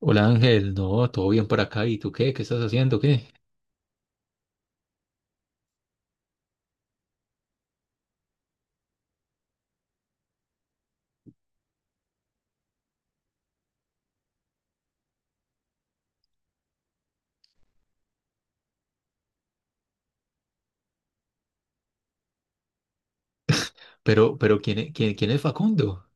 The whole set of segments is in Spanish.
Hola Ángel, no, todo bien por acá. ¿Y tú qué? ¿Qué estás haciendo? ¿Qué? Pero, ¿quién es Facundo?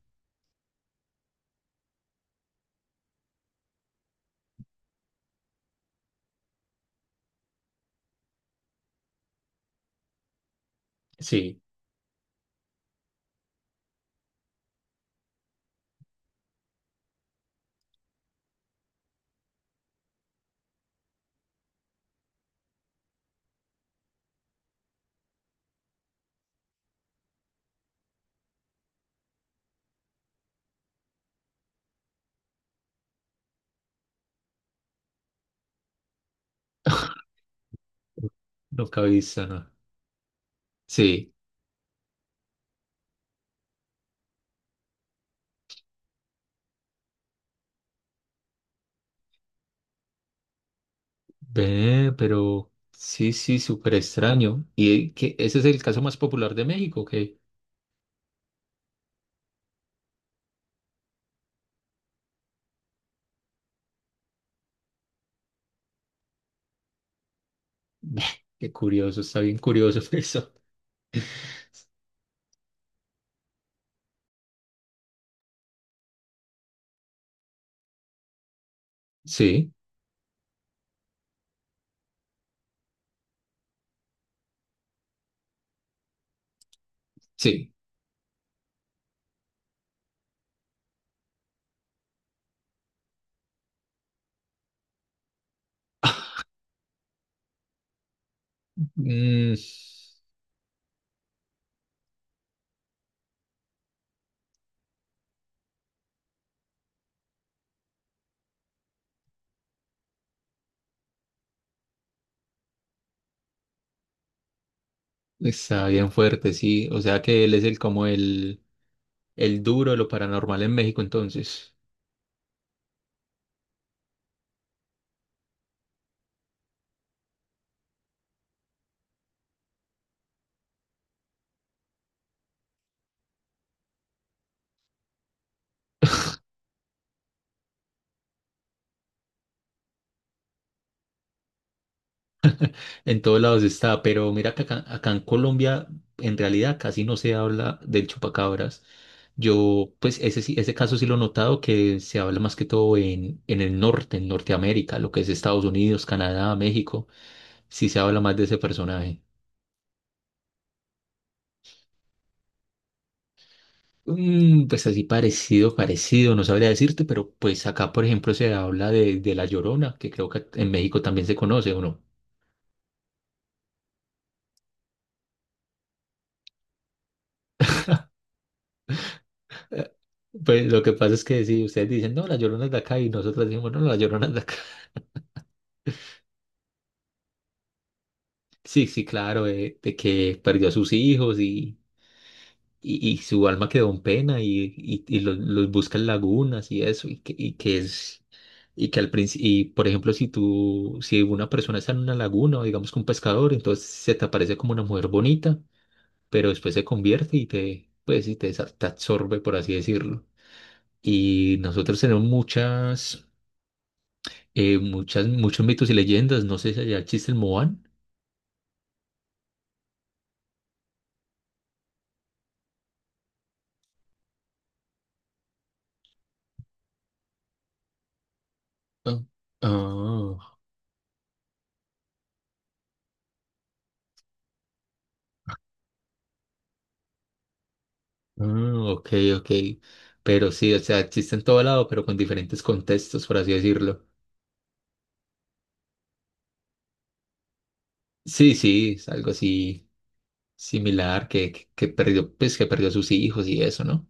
Sí, nunca he visto, ¿no? Sí, ve, pero sí, sí, súper extraño. ¿Y que ese es el caso más popular de México? ¿Qué? Ve, qué curioso, está bien curioso eso. Sí, sí. Mm, está bien fuerte, sí. O sea que él es el duro de lo paranormal en México entonces. En todos lados está, pero mira que acá en Colombia en realidad casi no se habla del chupacabras. Yo, pues ese, ese caso sí lo he notado que se habla más que todo en, el norte, en Norteamérica, lo que es Estados Unidos, Canadá, México, sí se habla más de ese personaje. Pues así parecido, parecido, no sabría decirte, pero pues acá, por ejemplo, se habla de La Llorona, que creo que en México también se conoce, ¿o no? Eh, pues lo que pasa es que si ustedes dicen, no, La Llorona es de acá y nosotros decimos, no, La Llorona es de acá. Sí, sí, claro, que perdió a sus hijos y, su alma quedó en pena y los busca en lagunas y eso, y que es, y que al principio, y por ejemplo, si una persona está en una laguna o digamos que un pescador, entonces se te aparece como una mujer bonita, pero después se convierte y te, pues, te absorbe, por así decirlo. Y nosotros tenemos muchos mitos y leyendas, no sé si allá existe el Moan. Ah, ah. Mm, ok, ok. Pero sí, o sea, existe en todo lado, pero con diferentes contextos, por así decirlo. Sí, sí, es algo así similar que, que perdió, pues que perdió a sus hijos y eso, ¿no?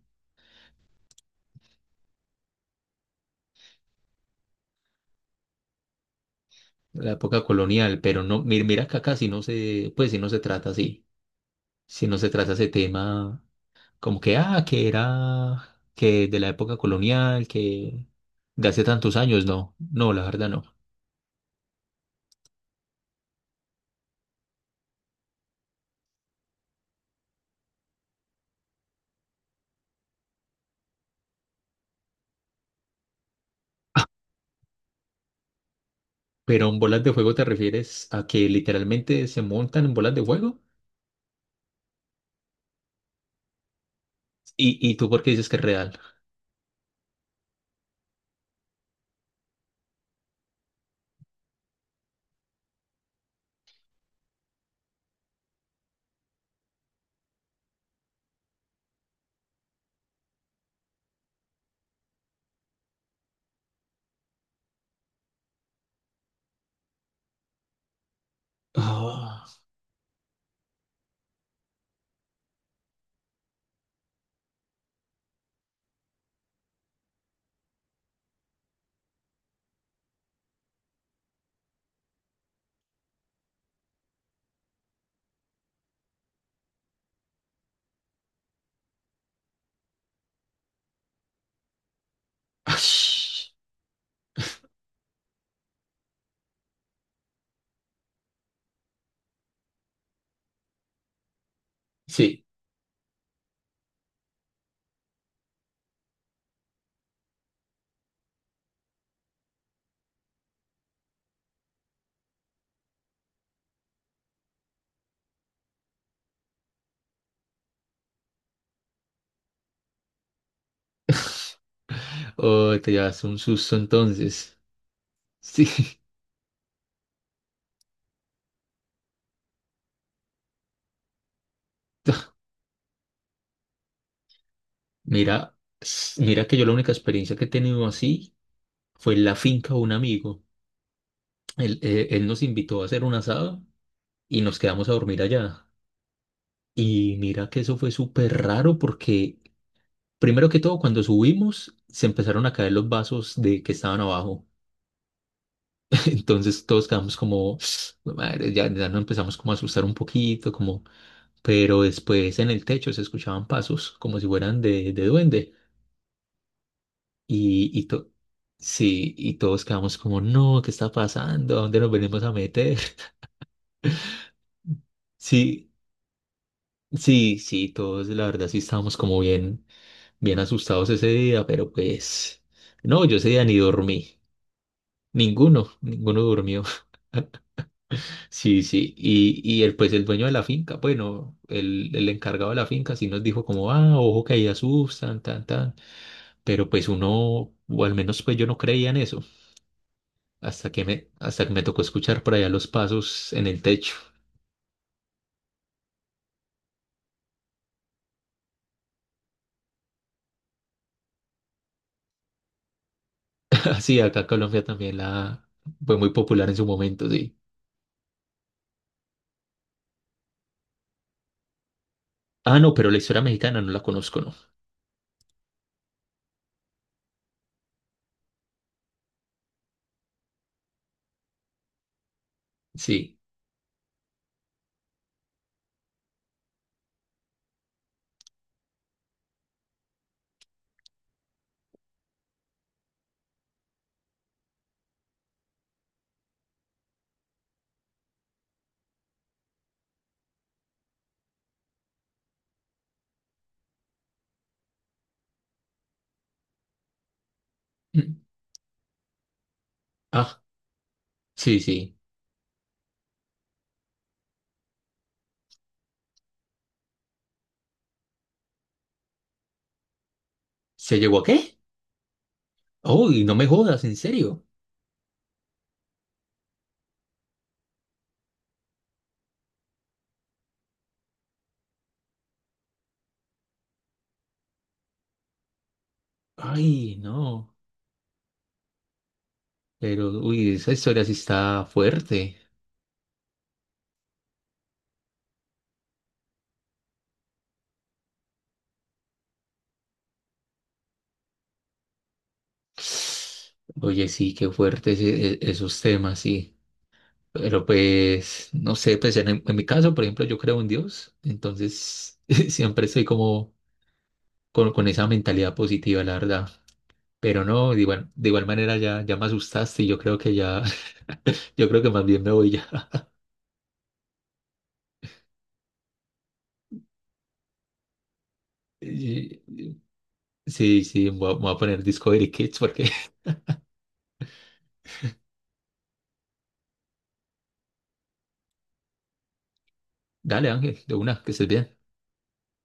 La época colonial, pero no, mira que acá si no se, si no se trata así, si no se trata ese tema como que, ah, que de la época colonial, que de hace tantos años, no, no, la verdad no. Pero en bolas de fuego te refieres a que literalmente se montan en bolas de fuego. ¿Y tú por qué dices que es real? Ah, ash. Sí. Oh, te llevas un susto entonces. Sí. Mira, mira que yo la única experiencia que he tenido así fue en la finca de un amigo. Él nos invitó a hacer un asado y nos quedamos a dormir allá. Y mira que eso fue súper raro porque, primero que todo, cuando subimos, se empezaron a caer los vasos de que estaban abajo. Entonces todos quedamos como, "Madre, ya, ya nos empezamos como a asustar un poquito, como, pero después en el techo se escuchaban pasos como si fueran de, duende y, y to- sí, y todos quedamos como, no, ¿qué está pasando? ¿A dónde nos venimos a meter? Sí, sí, sí, todos la verdad sí estábamos como bien, bien asustados ese día, pero pues, no, yo ese día ni dormí. Ninguno, ninguno durmió. Sí, sí. Y el, pues el dueño de la finca, bueno, el encargado de la finca sí nos dijo como, ah, ojo que ahí asustan, tan, tan. Pero pues uno, o al menos pues yo no creía en eso, hasta que me tocó escuchar por allá los pasos en el techo. Así, acá en Colombia también la fue muy popular en su momento, sí. Ah, no, pero la historia mexicana no la conozco, ¿no? Sí. Mm. Ah, sí, sí. ¿Se llegó a qué? Uy, no me jodas, en serio. Ay, no. Pero, uy, esa historia sí está fuerte. Oye, sí, qué fuertes esos temas, sí. Pero pues, no sé, pues en, mi caso, por ejemplo, yo creo en Dios, entonces siempre estoy como con esa mentalidad positiva, la verdad. Pero no, de igual manera ya, ya me asustaste y yo creo que ya, yo creo que más bien me voy ya. Y- Sí, sí, me voy a poner Discovery Kids porque, dale Ángel, de una, que estés bien.